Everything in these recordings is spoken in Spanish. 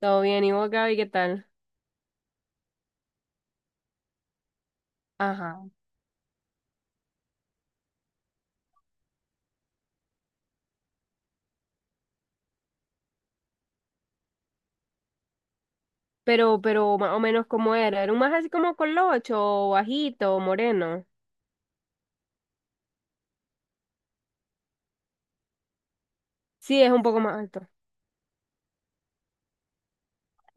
Todo bien, ¿y vos, Gaby, qué tal? Ajá. Pero más o menos cómo era. Era un más así como colocho, o bajito, o moreno. Sí, es un poco más alto.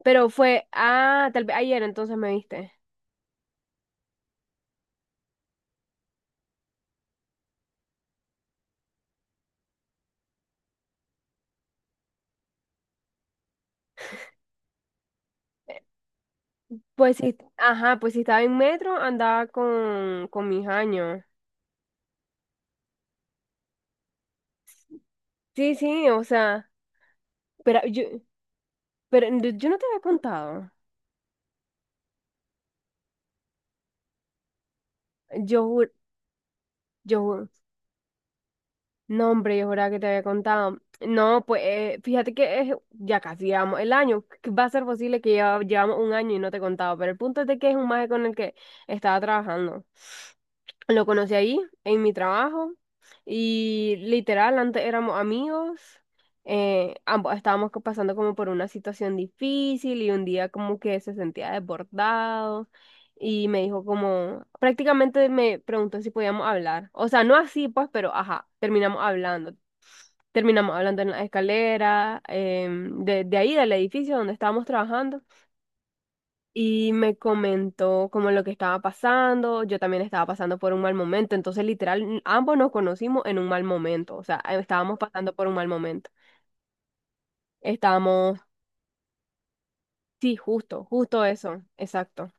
Pero fue, ah, tal vez ayer entonces me viste. Eh, Pues sí, ajá, pues si estaba en metro, andaba con mis años. Sí, sí, o sea, pero yo, pero yo no te había contado. Yo, ju- yo, ju- No, hombre, yo juraba que te había contado. No, pues fíjate que ya casi llevamos el año. Que va a ser posible que ya llevamos un año y no te he contado, pero el punto es de que es un maje con el que estaba trabajando. Lo conocí ahí, en mi trabajo, y literal, antes éramos amigos, ambos estábamos pasando como por una situación difícil y un día como que se sentía desbordado y me dijo como, prácticamente me preguntó si podíamos hablar, o sea, no así pues, pero ajá, terminamos hablando en la escalera, de ahí del edificio donde estábamos trabajando y me comentó como lo que estaba pasando, yo también estaba pasando por un mal momento, entonces literal ambos nos conocimos en un mal momento, o sea, estábamos pasando por un mal momento. Estábamos, sí, justo eso, exacto.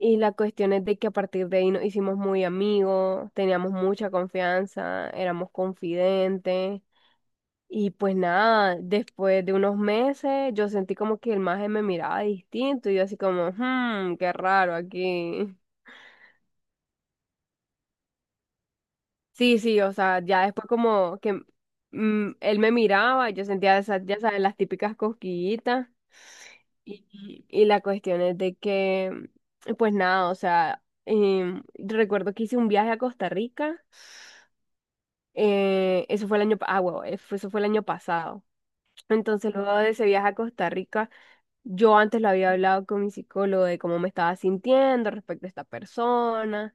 Y la cuestión es de que a partir de ahí nos hicimos muy amigos, teníamos mucha confianza, éramos confidentes. Y pues nada, después de unos meses yo sentí como que el maje me miraba distinto y yo así como, qué raro aquí. Sí, sí, o sea, ya después como que él me miraba, yo sentía esas, ya sabes, las típicas cosquillitas y la cuestión es de que, pues nada, o sea, recuerdo que hice un viaje a Costa Rica, eso fue el año, eso fue el año pasado. Entonces, luego de ese viaje a Costa Rica, yo antes lo había hablado con mi psicólogo de cómo me estaba sintiendo respecto a esta persona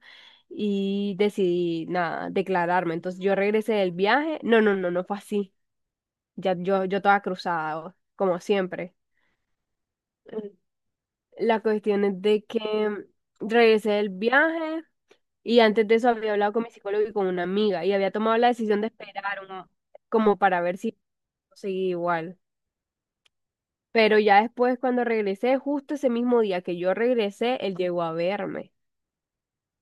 y decidí, nada, declararme. Entonces, yo regresé del viaje. No, no, no, no fue así. Ya yo estaba cruzada, como siempre. Mm. La cuestión es de que regresé del viaje y antes de eso había hablado con mi psicólogo y con una amiga y había tomado la decisión de esperar como para ver si seguía igual. Pero ya después, cuando regresé, justo ese mismo día que yo regresé, él llegó a verme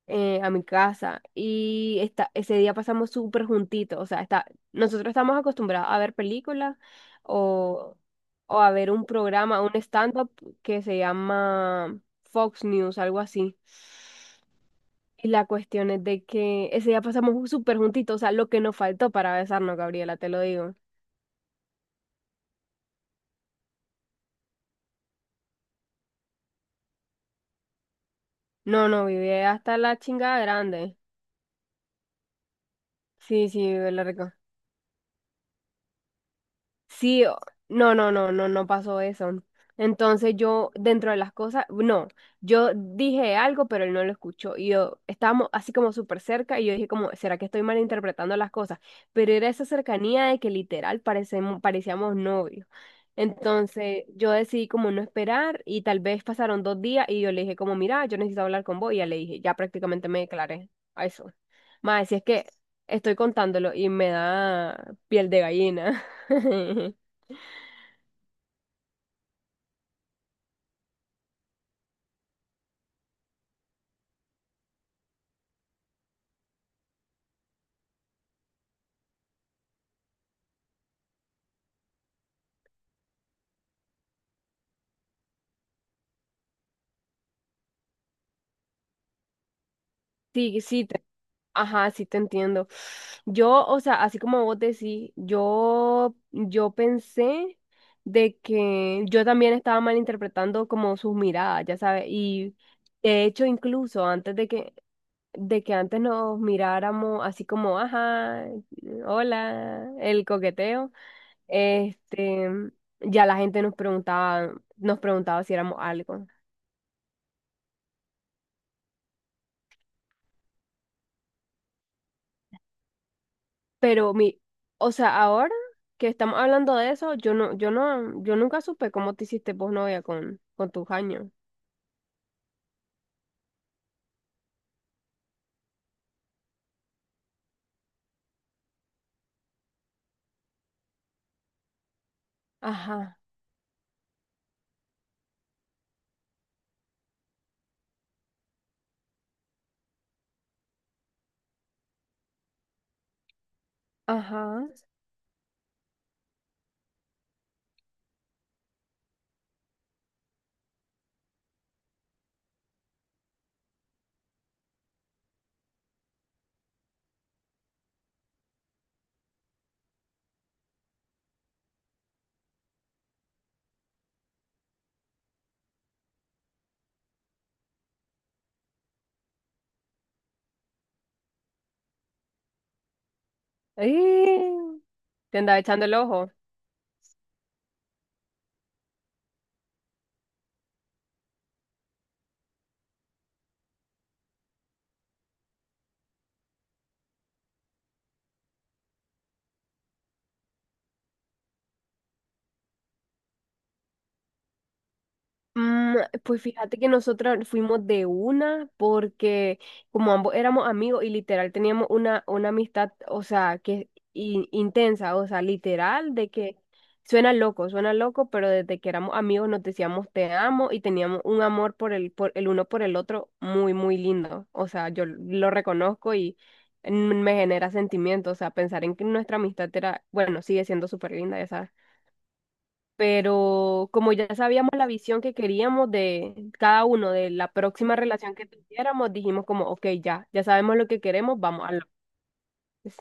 a mi casa y ese día pasamos súper juntitos. O sea, está, nosotros estamos acostumbrados a ver películas o, o a ver un programa, un stand-up que se llama Fox News, algo así. Y la cuestión es de que ese día pasamos súper juntitos, o sea, lo que nos faltó para besarnos, Gabriela, te lo digo. No, no, viví hasta la chingada grande. Sí, sí, lo. Sí, no, no, no, no, no pasó eso. Entonces yo, dentro de las cosas, no, yo dije algo, pero él no lo escuchó. Y yo estábamos así como súper cerca y yo dije como, ¿será que estoy malinterpretando las cosas? Pero era esa cercanía de que literal parecíamos novios. Entonces yo decidí como no esperar y tal vez pasaron dos días y yo le dije como, mira, yo necesito hablar con vos. Y ya le dije, ya prácticamente me declaré a eso. Más, si es que estoy contándolo y me da piel de gallina. Sí, sí, ajá, sí te entiendo. Yo, o sea, así como vos decís, yo pensé de que yo también estaba malinterpretando como sus miradas, ya sabes, y de hecho incluso antes de que antes nos miráramos así como, ajá, hola, el coqueteo, este, ya la gente nos preguntaba si éramos algo. Pero mi, o sea, ahora que estamos hablando de eso, yo nunca supe cómo te hiciste vos novia con tus años. Ajá, ajá. ¡Ih! Te andaba echando el ojo. Mm, Pues fíjate que nosotras fuimos de una porque como ambos éramos amigos y literal teníamos una amistad, o sea, que intensa, o sea, literal de que suena loco, pero desde que éramos amigos nos decíamos te amo y teníamos un amor por el uno por el otro muy lindo. O sea, yo lo reconozco y mm, me genera sentimiento, o sea, pensar en que nuestra amistad era, bueno, sigue siendo súper linda, ya. Pero como ya sabíamos la visión que queríamos de cada uno, de la próxima relación que tuviéramos, dijimos como, ok, ya, ya sabemos lo que queremos, vamos a lo es".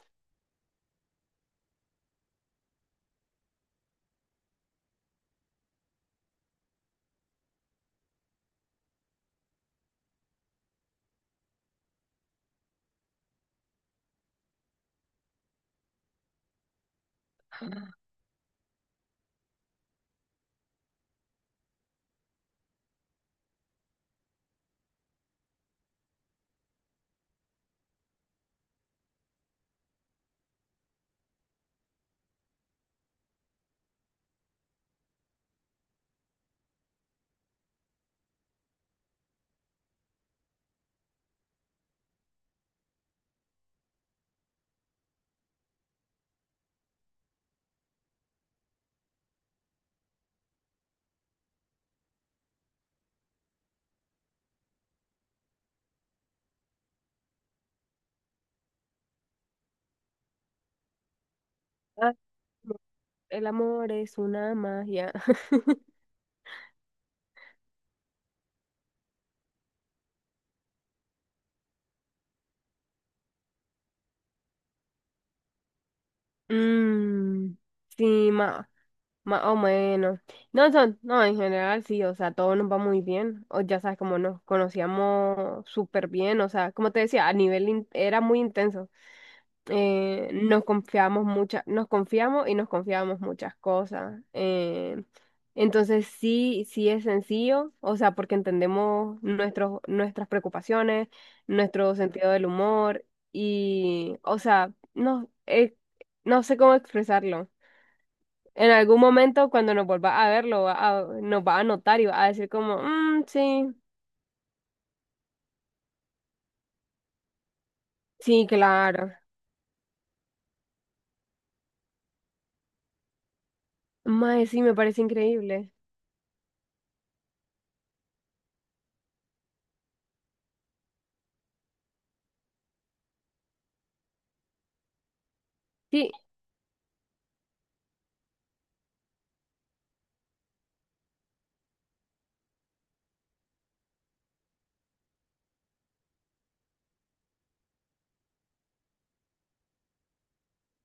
Ah, no. El amor es una magia. Mm, sí, más, más o menos. No, son, no, en general sí, o sea, todo nos va muy bien. O ya sabes, como nos conocíamos súper bien, o sea, como te decía, a nivel era muy intenso. Nos confiamos y nos confiamos muchas cosas. Entonces sí, sí es sencillo, o sea, porque entendemos nuestros, nuestras preocupaciones, nuestro sentido del humor y, o sea, no, no sé cómo expresarlo. En algún momento cuando nos vuelva a verlo, nos va a notar y va a decir como, "Mm, sí, sí, claro. Mae, sí, me parece increíble. Sí,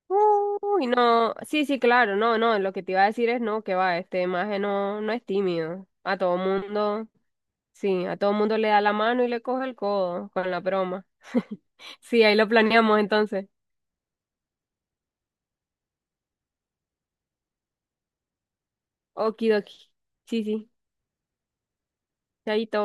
uy, no, sí, sí, claro, no, no, lo que te iba a decir es no, que va, este maje no, no es tímido. A todo mundo, sí, a todo mundo le da la mano y le coge el codo con la broma. Sí, ahí lo planeamos entonces. Okidoki. Sí, sí, chaito.